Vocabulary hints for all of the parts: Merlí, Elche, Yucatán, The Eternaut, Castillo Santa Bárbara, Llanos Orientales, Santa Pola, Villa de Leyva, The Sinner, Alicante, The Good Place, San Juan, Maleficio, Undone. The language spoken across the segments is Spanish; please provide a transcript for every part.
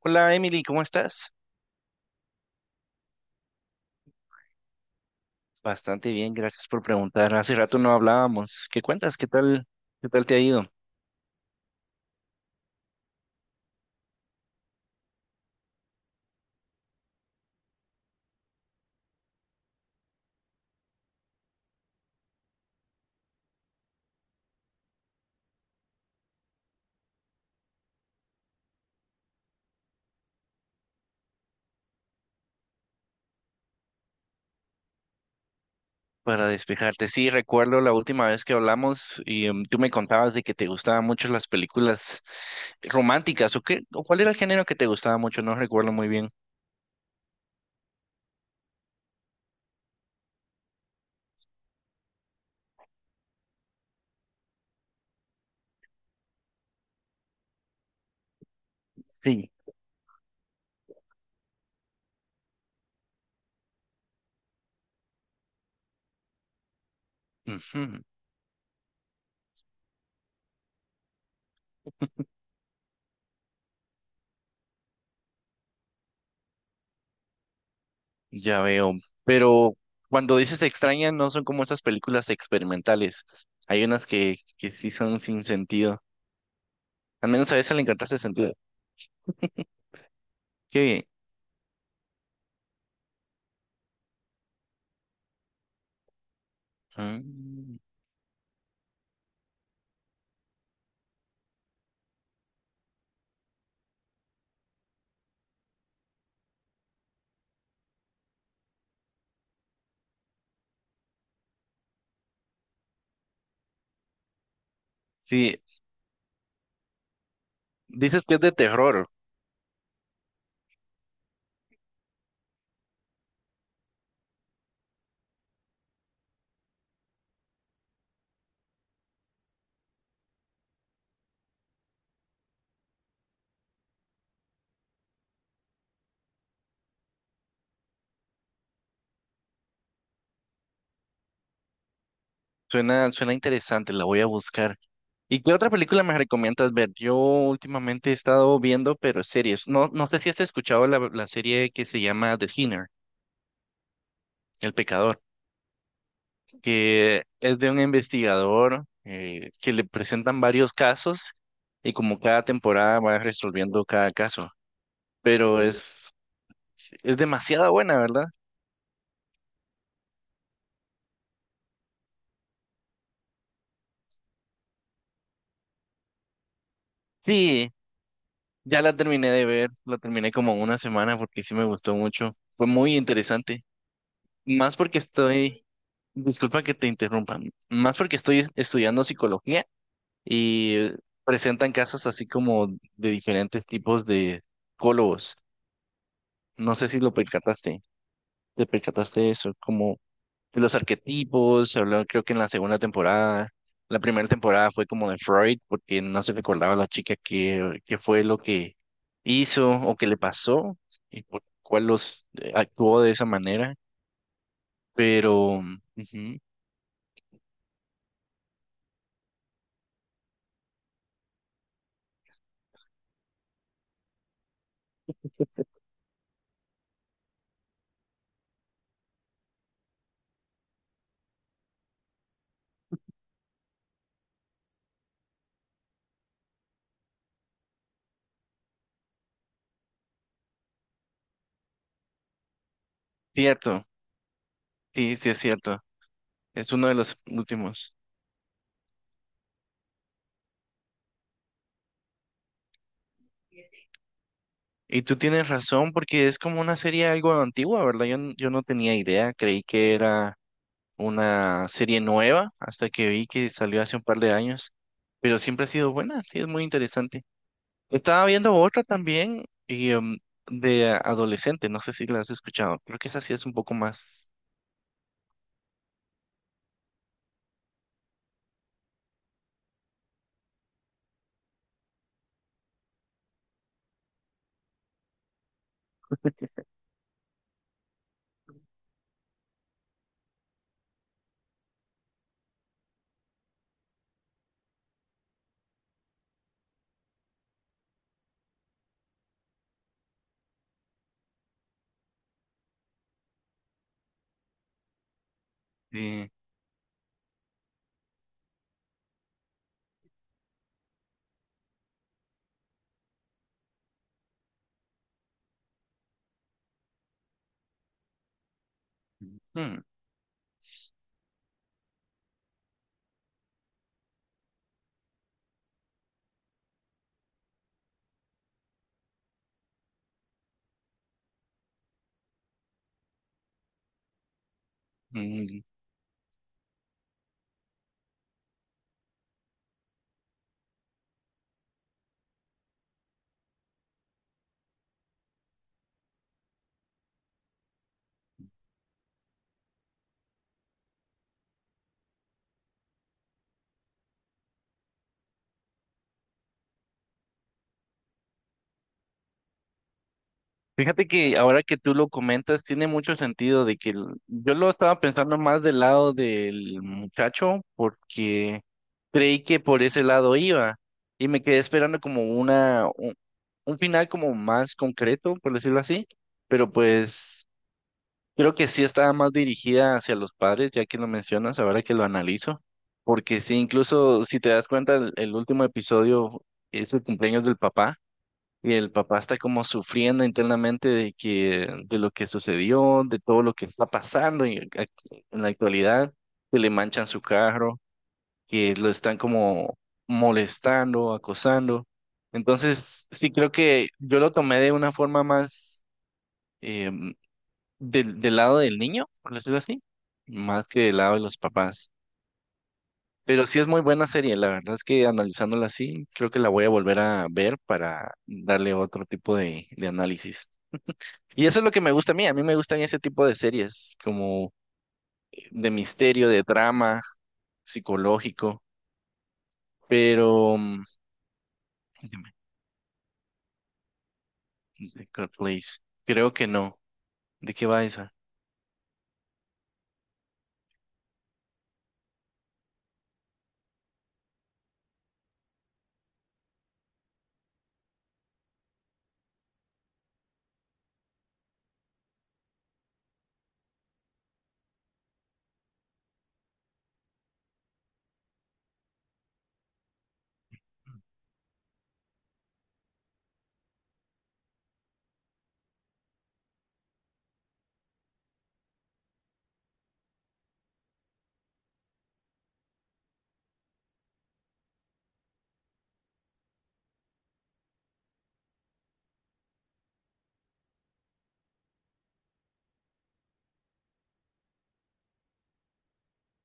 Hola Emily, ¿cómo estás? Bastante bien, gracias por preguntar. Hace rato no hablábamos. ¿Qué cuentas? ¿Qué tal? ¿Qué tal te ha ido? Para despejarte. Sí, recuerdo la última vez que hablamos y tú me contabas de que te gustaban mucho las películas románticas o qué, o cuál era el género que te gustaba mucho, no recuerdo muy bien. Sí. Ujú, ya veo. Pero cuando dices extraña, no son como esas películas experimentales. Hay unas que sí son sin sentido. Al menos a esa le encontraste sentido. Qué bien. Ah. Sí, dices que es de terror. Suena, suena interesante, la voy a buscar. ¿Y qué otra película me recomiendas ver? Yo últimamente he estado viendo, pero series. No sé si has escuchado la serie que se llama The Sinner, El Pecador, que es de un investigador que le presentan varios casos y como cada temporada va resolviendo cada caso. Pero es demasiado buena, ¿verdad? Sí, ya la terminé de ver, la terminé como en una semana porque sí me gustó mucho. Fue muy interesante. Más porque estoy, disculpa que te interrumpan, más porque estoy estudiando psicología y presentan casos así como de diferentes tipos de psicólogos. No sé si lo percataste, te percataste de eso, como de los arquetipos, se habló creo que en la segunda temporada, la primera temporada fue como de Freud, porque no se recordaba a la chica qué fue lo que hizo o qué le pasó y por cuál los actuó de esa manera, pero ujú, cierto. Sí, sí es cierto. Es uno de los últimos. Y tú tienes razón porque es como una serie algo antigua, ¿verdad? Yo no tenía idea, creí que era una serie nueva hasta que vi que salió hace un par de años, pero siempre ha sido buena, sí, es muy interesante. Estaba viendo otra también y de adolescente, no sé si la has escuchado, creo que esa sí es un poco más... eh, hmm, Fíjate que ahora que tú lo comentas, tiene mucho sentido de que yo lo estaba pensando más del lado del muchacho porque creí que por ese lado iba y me quedé esperando como un final como más concreto, por decirlo así, pero pues creo que sí estaba más dirigida hacia los padres, ya que lo mencionas, ahora que lo analizo, porque sí, incluso si te das cuenta, el último episodio es el cumpleaños del papá y el papá está como sufriendo internamente de de lo que sucedió, de todo lo que está pasando en la actualidad, que le manchan su carro, que lo están como molestando, acosando. Entonces, sí creo que yo lo tomé de una forma más em, del lado del niño, por decirlo así, más que del lado de los papás. Pero sí es muy buena serie, la verdad es que analizándola así, creo que la voy a volver a ver para darle otro tipo de análisis. Y eso es lo que me gusta a mí. A mí me gustan ese tipo de series, como de misterio, de drama, psicológico. Pero, mm, dígame, The Good Place, creo que no. ¿De qué va esa?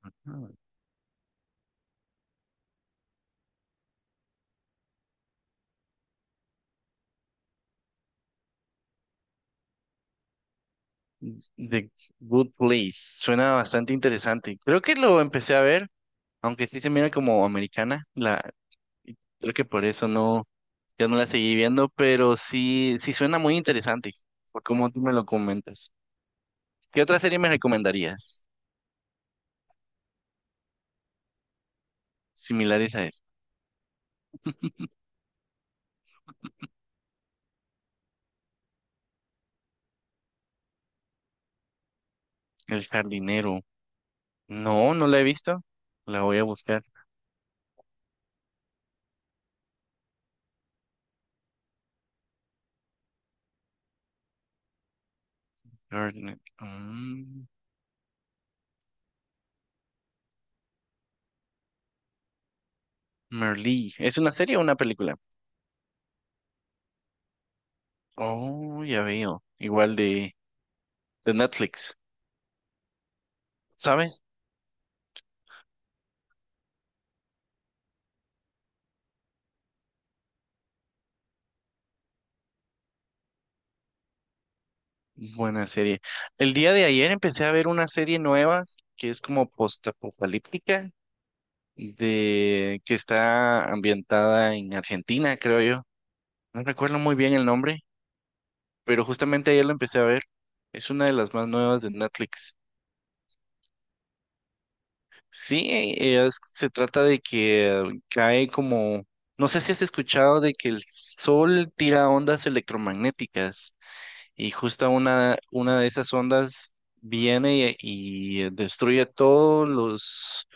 Ah, The Good Place. Suena bastante interesante. Creo que lo empecé a ver, aunque sí se mira como americana. Creo que por eso no, ya no la seguí viendo, pero sí, sí suena muy interesante, por cómo tú me lo comentas. ¿Qué otra serie me recomendarías? ¿Similares a esa? El jardinero. No, no la he visto. La voy a buscar. Merlí. Mm, Merlí. ¿Es una serie o una película? Oh, ya veo. Igual de Netflix. ¿Sabes? Buena serie. El día de ayer empecé a ver una serie nueva que es como postapocalíptica, de que está ambientada en Argentina, creo yo. No recuerdo muy bien el nombre, pero justamente ayer lo empecé a ver. Es una de las más nuevas de Netflix. Sí, se trata de que cae como, no sé si has escuchado de que el sol tira ondas electromagnéticas y justo una de esas ondas viene y destruye todos los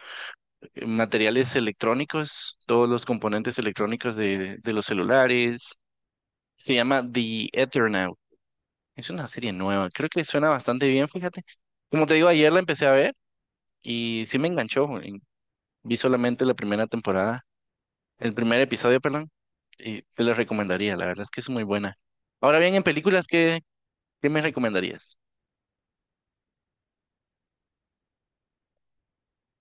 materiales electrónicos, todos los componentes electrónicos de los celulares. Se llama The Eternaut. Es una serie nueva, creo que suena bastante bien, fíjate. Como te digo, ayer la empecé a ver y sí me enganchó. Vi solamente la primera temporada. El primer episodio, perdón, y te lo recomendaría, la verdad es que es muy buena. Ahora bien, en películas, ¿qué me recomendarías?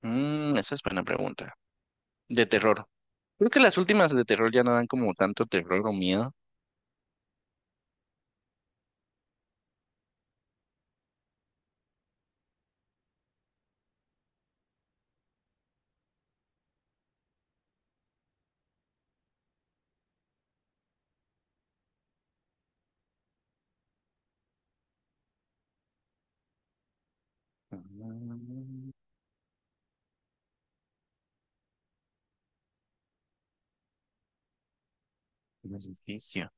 Mm, esa es buena pregunta. De terror. Creo que las últimas de terror ya no dan como tanto terror o miedo. Mm, Maleficio.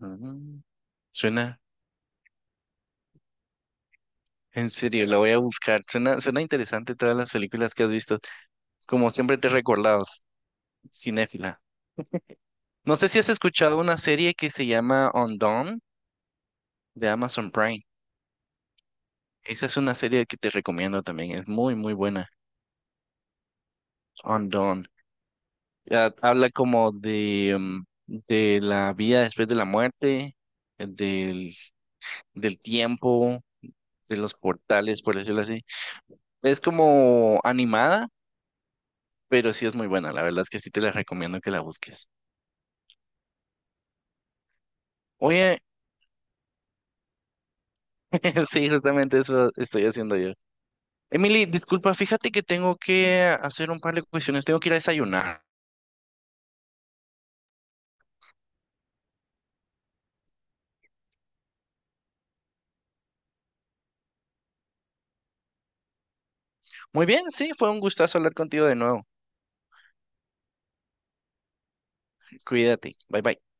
Mm, Suena, en serio, la voy a buscar. Suena, suena interesante todas las películas que has visto. Como siempre te he recordado, cinéfila. No sé si has escuchado una serie que se llama On Dawn de Amazon Prime. Esa es una serie que te recomiendo también, es muy, muy buena. Undone. Ya habla como de de la vida después de la muerte, eh, del, del tiempo, de los portales, por decirlo así. Es como animada, pero sí es muy buena. La verdad es que sí te la recomiendo que la busques. Oye, sí, justamente eso estoy haciendo yo. Emily, disculpa, fíjate que tengo que hacer un par de cuestiones, tengo que ir a desayunar. Muy bien, sí, fue un gustazo hablar contigo de nuevo. Cuídate, bye bye.